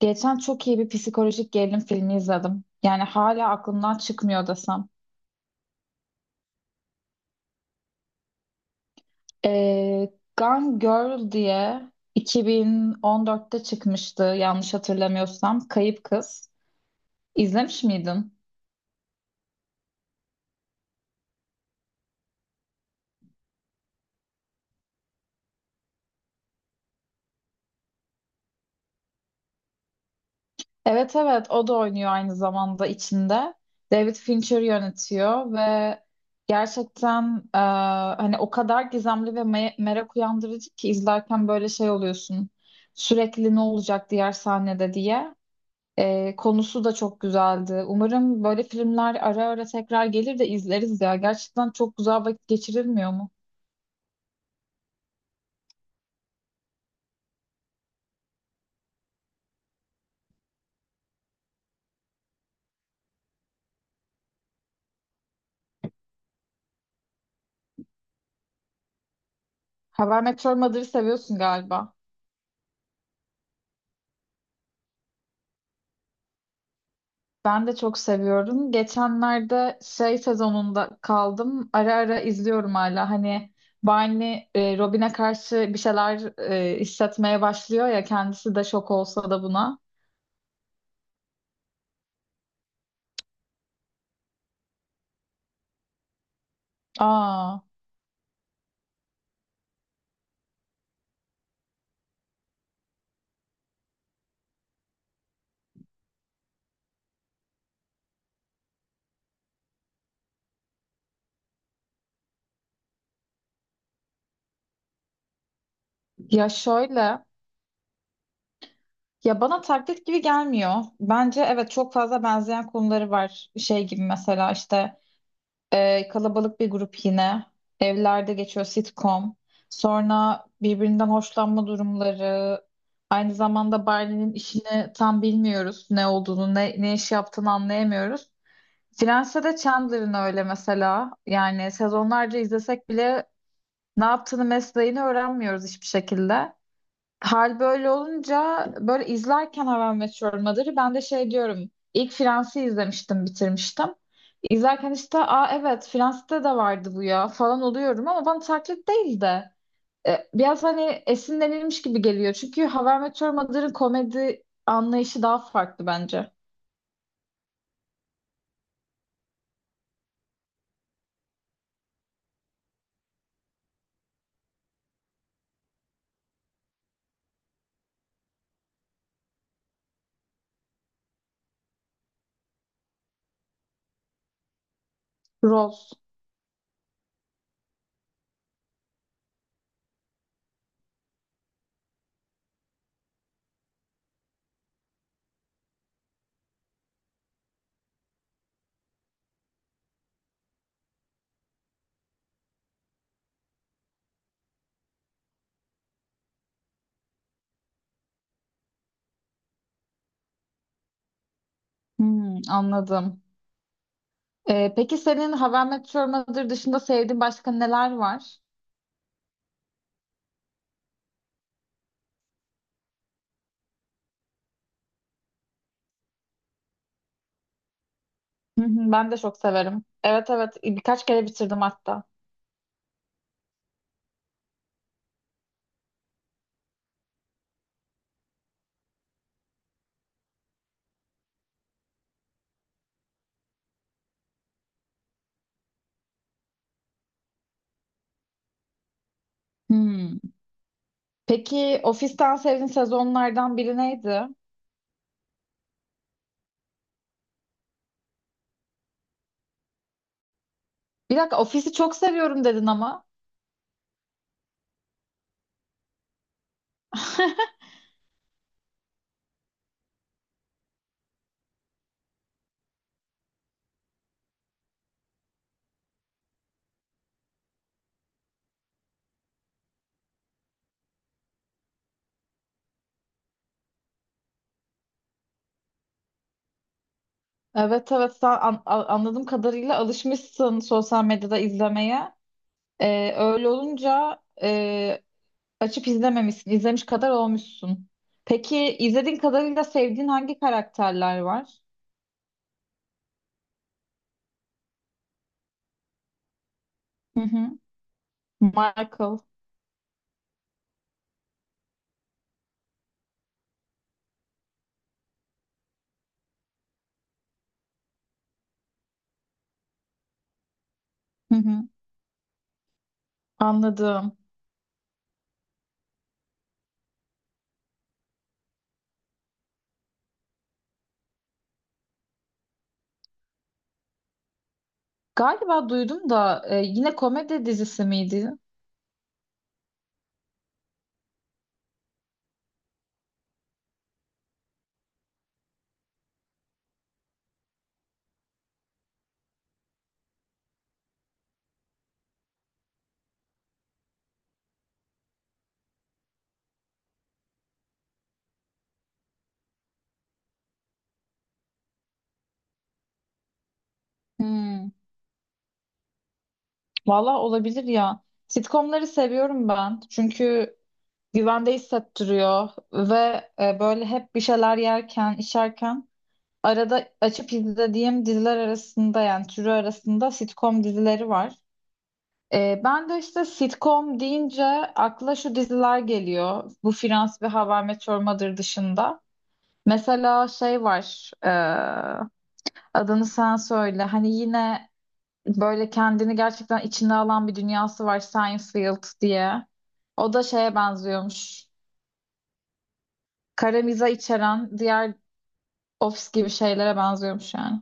Geçen çok iyi bir psikolojik gerilim filmi izledim. Yani hala aklımdan çıkmıyor desem. Ee, Gone Girl diye 2014'te çıkmıştı yanlış hatırlamıyorsam. Kayıp Kız. İzlemiş miydin? Evet, evet, o da oynuyor aynı zamanda içinde. David Fincher yönetiyor ve gerçekten hani o kadar gizemli ve merak uyandırıcı ki izlerken böyle şey oluyorsun. Sürekli ne olacak diğer sahnede diye. Konusu da çok güzeldi. Umarım böyle filmler ara ara tekrar gelir de izleriz ya. Gerçekten çok güzel vakit geçirilmiyor mu? Haber Meteor Mother'ı seviyorsun galiba. Ben de çok seviyorum. Geçenlerde şey sezonunda kaldım. Ara ara izliyorum hala. Hani Barney Robin'e karşı bir şeyler hissetmeye başlıyor ya. Kendisi de şok olsa da buna. Aa, ya şöyle. Ya bana taklit gibi gelmiyor. Bence evet çok fazla benzeyen konuları var. Şey gibi mesela işte kalabalık bir grup yine. Evlerde geçiyor sitcom. Sonra birbirinden hoşlanma durumları. Aynı zamanda Barney'nin işini tam bilmiyoruz. Ne olduğunu, ne iş yaptığını anlayamıyoruz. Friends'te de Chandler'ın öyle mesela. Yani sezonlarca izlesek bile ne yaptığını, mesleğini öğrenmiyoruz hiçbir şekilde. Hal böyle olunca böyle izlerken How I Met Your Mother'ı ben de şey diyorum. İlk Friends'i izlemiştim, bitirmiştim. İzlerken işte aa evet Friends'te de vardı bu ya falan oluyorum ama bana taklit değil de biraz hani esinlenilmiş gibi geliyor. Çünkü How I Met Your Mother'ın komedi anlayışı daha farklı bence. Rose. Hmm, anladım. Peki senin How I Met Your Mother dışında sevdiğin başka neler var? Hı hı, ben de çok severim. Evet, evet, birkaç kere bitirdim hatta. Hmm. Peki Ofis'ten sevdiğin sezonlardan biri neydi? Bir dakika Ofis'i çok seviyorum dedin ama. Evet, evet, sen anladığım kadarıyla alışmışsın sosyal medyada izlemeye. Öyle olunca açıp izlememişsin. İzlemiş kadar olmuşsun. Peki izlediğin kadarıyla sevdiğin hangi karakterler var? Hı hı. Michael. Hı hı, anladım. Galiba duydum da yine komedi dizisi miydi? Hmm, valla olabilir ya. Sitcomları seviyorum ben. Çünkü güvende hissettiriyor ve böyle hep bir şeyler yerken, içerken arada açıp izlediğim diziler arasında yani türü arasında sitcom dizileri var. Ben de işte sitcom deyince akla şu diziler geliyor. Bu Friends ve How I Met Your Mother dışında. Mesela şey var. Adını sen söyle. Hani yine böyle kendini gerçekten içine alan bir dünyası var Seinfeld diye. O da şeye benziyormuş. Kara mizah içeren diğer Office gibi şeylere benziyormuş yani.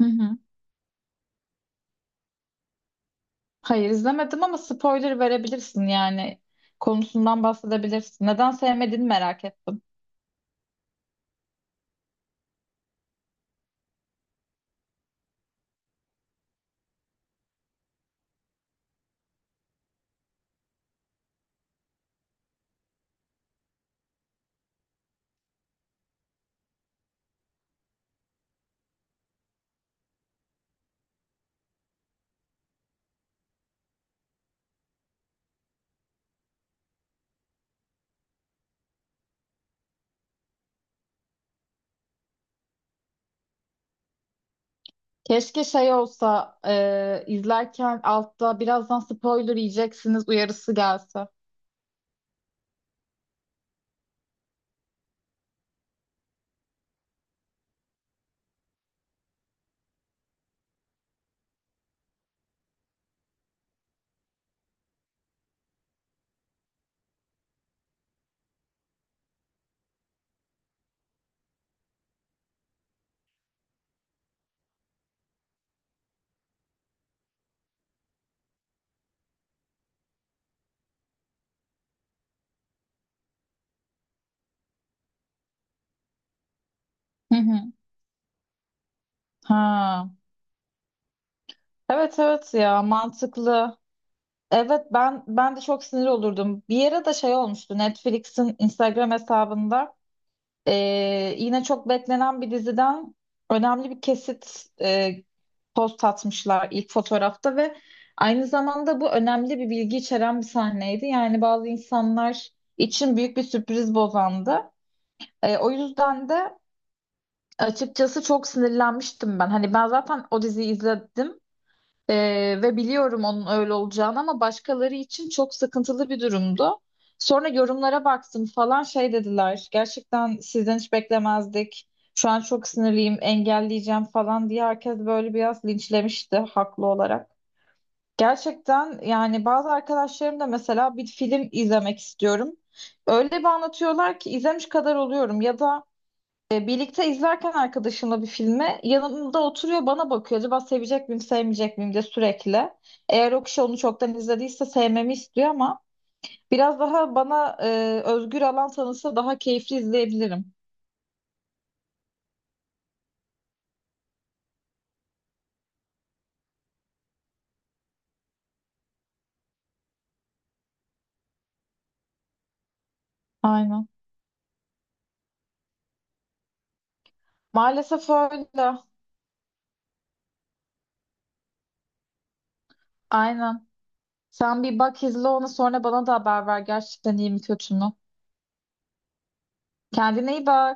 Hı hı. Hayır izlemedim ama spoiler verebilirsin yani. Konusundan bahsedebilirsin. Neden sevmediğini merak ettim. Keşke şey olsa izlerken altta birazdan spoiler yiyeceksiniz uyarısı gelse. Hı hı. Ha. Evet, evet, ya mantıklı. Evet, ben de çok sinir olurdum. Bir yere de şey olmuştu Netflix'in Instagram hesabında yine çok beklenen bir diziden önemli bir kesit post atmışlar ilk fotoğrafta ve aynı zamanda bu önemli bir bilgi içeren bir sahneydi. Yani bazı insanlar için büyük bir sürpriz bozandı. O yüzden de açıkçası çok sinirlenmiştim ben. Hani ben zaten o diziyi izledim. Ve biliyorum onun öyle olacağını ama başkaları için çok sıkıntılı bir durumdu. Sonra yorumlara baktım falan şey dediler. Gerçekten sizden hiç beklemezdik. Şu an çok sinirliyim, engelleyeceğim falan diye herkes böyle biraz linçlemişti haklı olarak. Gerçekten yani bazı arkadaşlarım da mesela bir film izlemek istiyorum. Öyle bir anlatıyorlar ki izlemiş kadar oluyorum ya da birlikte izlerken arkadaşımla bir filmi yanımda oturuyor bana bakıyor. Acaba sevecek miyim sevmeyecek miyim diye sürekli. Eğer o kişi onu çoktan izlediyse sevmemi istiyor ama biraz daha bana özgür alan tanısa daha keyifli izleyebilirim. Aynen. Maalesef öyle. Aynen. Sen bir bak izle onu sonra bana da haber ver gerçekten iyi mi kötü mü. Kendine iyi bak.